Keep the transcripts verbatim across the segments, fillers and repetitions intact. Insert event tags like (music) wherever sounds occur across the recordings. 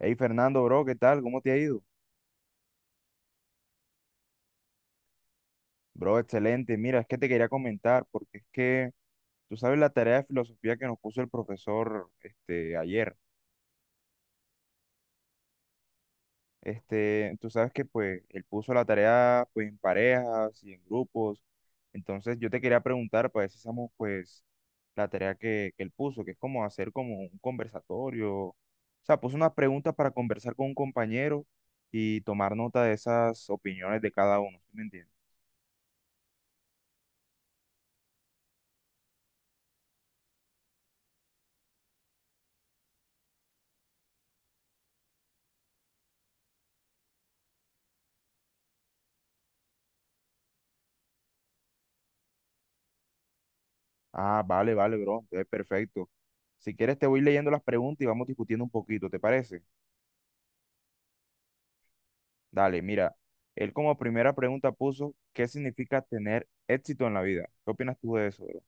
Hey Fernando, bro, ¿qué tal? ¿Cómo te ha ido? Bro, excelente. Mira, es que te quería comentar porque es que tú sabes la tarea de filosofía que nos puso el profesor este ayer. Este, tú sabes que pues él puso la tarea pues en parejas y en grupos. Entonces yo te quería preguntar pues ver si hacemos pues la tarea que, que él puso, que es como hacer como un conversatorio. O sea, puso unas preguntas para conversar con un compañero y tomar nota de esas opiniones de cada uno. ¿Sí me entiendes? Ah, vale, vale, bro. Es perfecto. Si quieres, te voy leyendo las preguntas y vamos discutiendo un poquito, ¿te parece? Dale, mira. Él como primera pregunta puso, ¿qué significa tener éxito en la vida? ¿Qué opinas tú de eso, bro?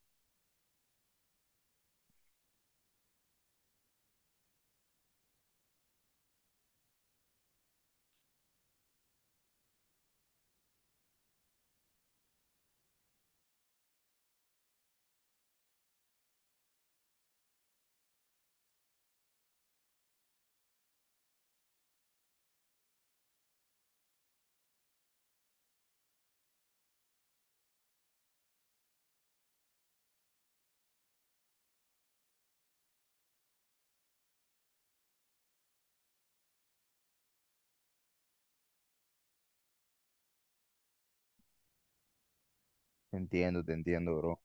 Te entiendo, te entiendo, bro.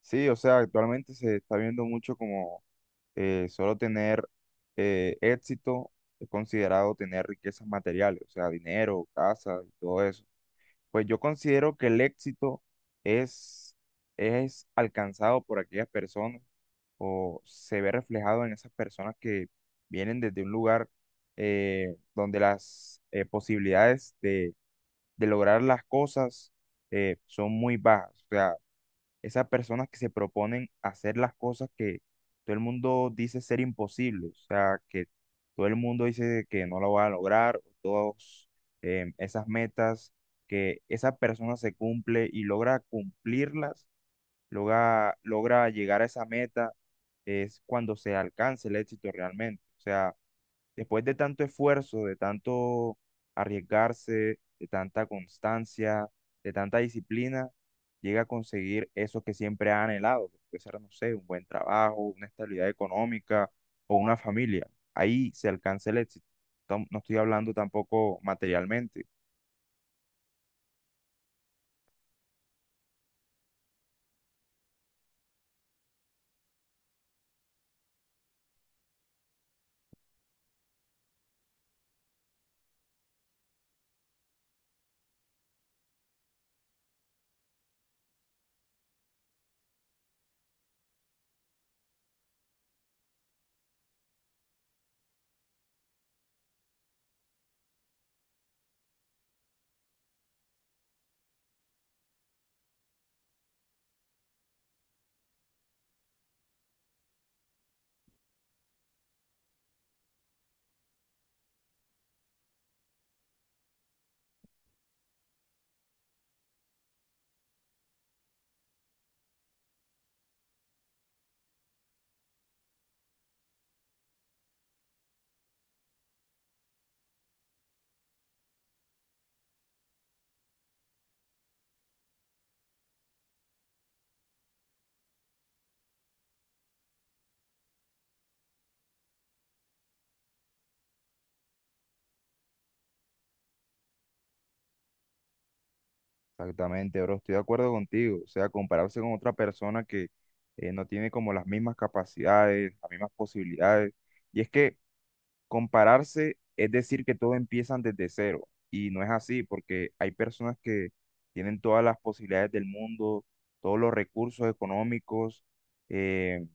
Sí, o sea, actualmente se está viendo mucho como eh, solo tener eh, éxito es considerado tener riquezas materiales, o sea, dinero, casa y todo eso. Pues yo considero que el éxito es, es alcanzado por aquellas personas o se ve reflejado en esas personas que vienen desde un lugar eh, donde las eh, posibilidades de, de lograr las cosas eh, son muy bajas. O sea, esas personas que se proponen hacer las cosas que todo el mundo dice ser imposible, o sea, que todo el mundo dice que no lo va a lograr, todas esas metas que esa persona se cumple y logra cumplirlas, logra, logra llegar a esa meta, es cuando se alcanza el éxito realmente. O sea, después de tanto esfuerzo, de tanto arriesgarse, de tanta constancia, de tanta disciplina, llega a conseguir eso que siempre ha anhelado, que puede ser, no sé, un buen trabajo, una estabilidad económica o una familia. Ahí se alcanza el éxito. Tam- No estoy hablando tampoco materialmente. Exactamente, bro, estoy de acuerdo contigo. O sea, compararse con otra persona que eh, no tiene como las mismas capacidades, las mismas posibilidades. Y es que compararse es decir que todo empiezan desde cero y no es así porque hay personas que tienen todas las posibilidades del mundo, todos los recursos económicos, eh,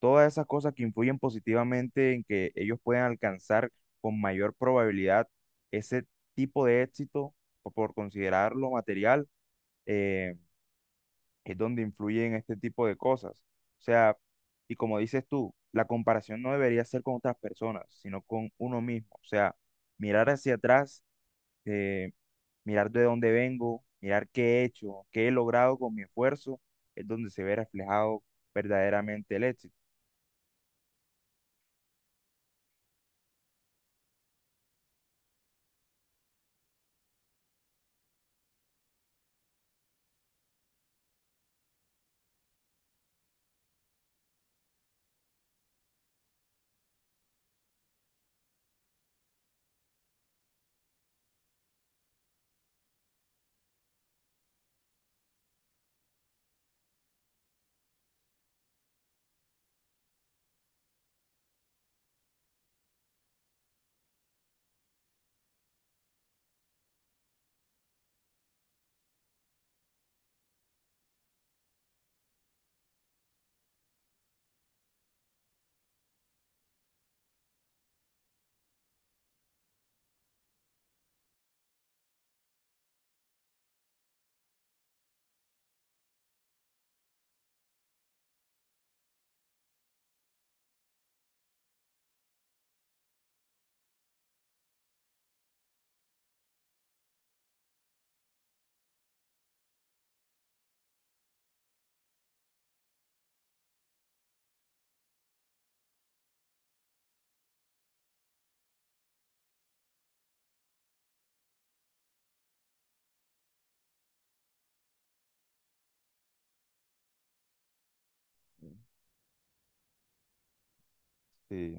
todas esas cosas que influyen positivamente en que ellos puedan alcanzar con mayor probabilidad ese tipo de éxito o por considerarlo material. Eh, es donde influyen este tipo de cosas. O sea, y como dices tú, la comparación no debería ser con otras personas, sino con uno mismo. O sea, mirar hacia atrás, eh, mirar de dónde vengo, mirar qué he hecho, qué he logrado con mi esfuerzo, es donde se ve reflejado verdaderamente el éxito. Sí.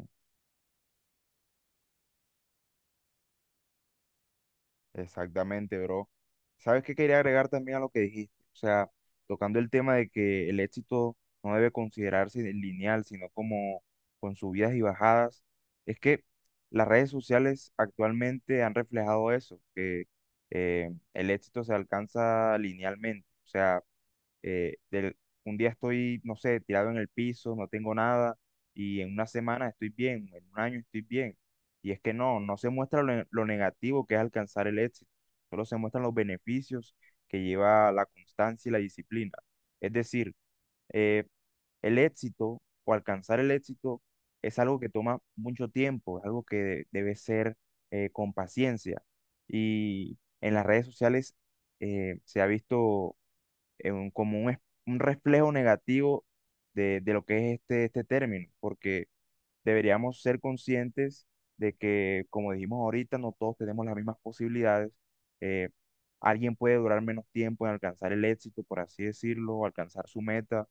Exactamente, bro. ¿Sabes qué quería agregar también a lo que dijiste? O sea, tocando el tema de que el éxito no debe considerarse lineal, sino como con subidas y bajadas. Es que las redes sociales actualmente han reflejado eso, que eh, el éxito se alcanza linealmente. O sea, eh, del- un día estoy, no sé, tirado en el piso, no tengo nada, y en una semana estoy bien, en un año estoy bien. Y es que no, no se muestra lo, ne- lo negativo que es alcanzar el éxito, solo se muestran los beneficios que lleva la constancia y la disciplina. Es decir, eh, el éxito o alcanzar el éxito es algo que toma mucho tiempo, es algo que de- debe ser eh, con paciencia. Y en las redes sociales eh, se ha visto eh, un- como un, es- un reflejo negativo de, de lo que es este, este término, porque deberíamos ser conscientes de que, como dijimos ahorita, no todos tenemos las mismas posibilidades. Eh, alguien puede durar menos tiempo en alcanzar el éxito, por así decirlo, o alcanzar su meta,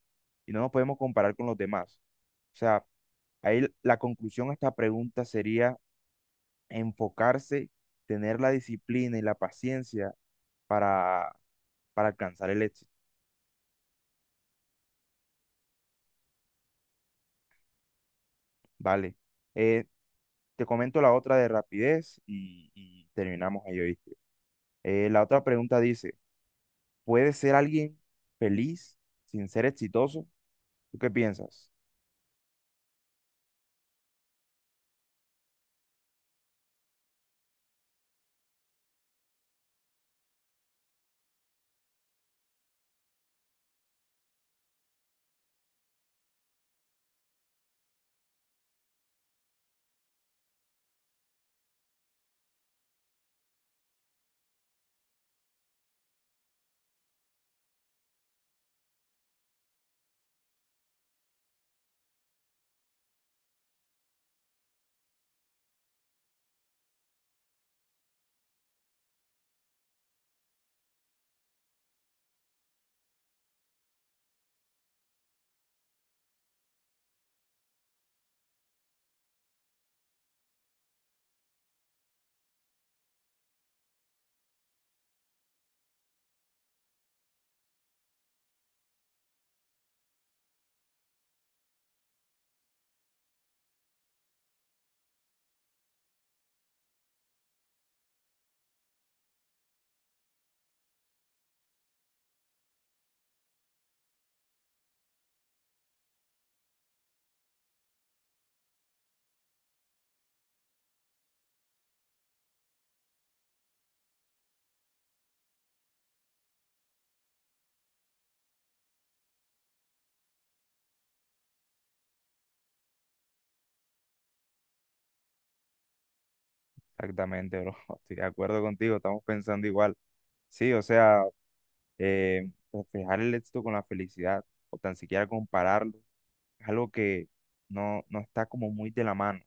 y no nos podemos comparar con los demás. O sea, ahí l- la conclusión a esta pregunta sería enfocarse, tener la disciplina y la paciencia para, para alcanzar el éxito, ¿vale? Eh, Te comento la otra de rapidez y, y terminamos ahí, ¿oíste? Eh, la otra pregunta dice, ¿puede ser alguien feliz sin ser exitoso? ¿Tú qué piensas? Exactamente, bro. (laughs) Estoy de acuerdo contigo, estamos pensando igual. Sí, o sea, eh, reflejar el éxito con la felicidad o tan siquiera compararlo es algo que no, no está como muy de la mano.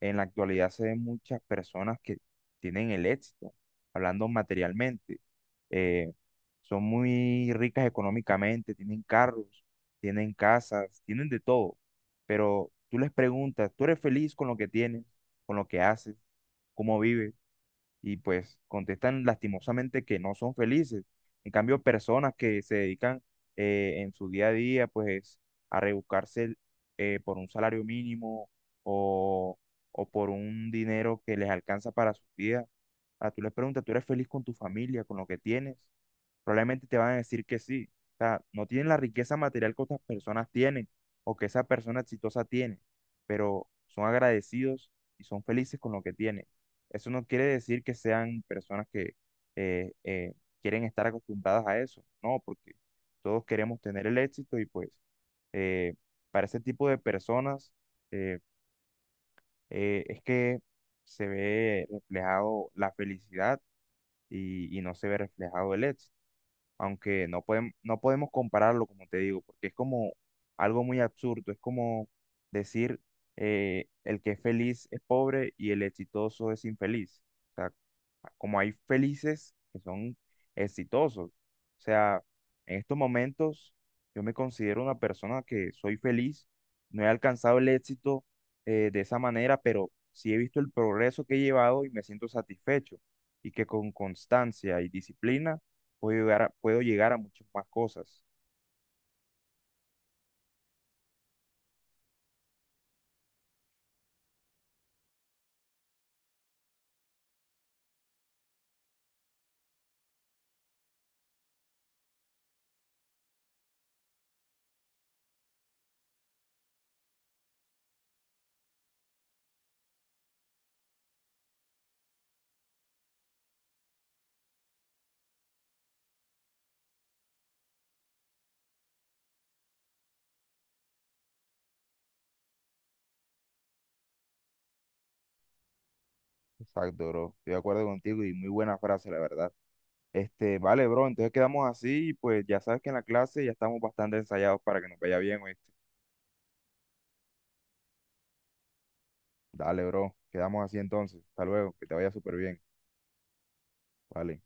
En la actualidad se ven muchas personas que tienen el éxito, hablando materialmente. Eh, son muy ricas económicamente, tienen carros, tienen casas, tienen de todo. Pero tú les preguntas, ¿tú eres feliz con lo que tienes, con lo que haces, cómo vives? Y pues contestan lastimosamente que no son felices. En cambio, personas que se dedican eh, en su día a día pues a rebuscarse eh, por un salario mínimo o, o por un dinero que les alcanza para su vida, ah, tú les preguntas, ¿tú eres feliz con tu familia, con lo que tienes? Probablemente te van a decir que sí. O sea, no tienen la riqueza material que otras personas tienen o que esa persona exitosa tiene, pero son agradecidos y son felices con lo que tienen. Eso no quiere decir que sean personas que eh, eh, quieren estar acostumbradas a eso, no, porque todos queremos tener el éxito y pues eh, para ese tipo de personas eh, eh, es que se ve reflejado la felicidad y y no se ve reflejado el éxito aunque no podemos, no podemos compararlo, como te digo, porque es como algo muy absurdo, es como decir eh, el que es feliz es pobre y el exitoso es infeliz. O sea, como hay felices que son exitosos. O sea, en estos momentos yo me considero una persona que soy feliz, no he alcanzado el éxito eh, de esa manera, pero sí he visto el progreso que he llevado y me siento satisfecho y que con constancia y disciplina puedo llegar a, puedo llegar a muchas más cosas. Exacto, bro. Estoy de acuerdo contigo y muy buena frase, la verdad. Este, vale, bro, entonces quedamos así y pues ya sabes que en la clase ya estamos bastante ensayados para que nos vaya bien, ¿oíste? Dale, bro. Quedamos así entonces. Hasta luego, que te vaya súper bien. Vale.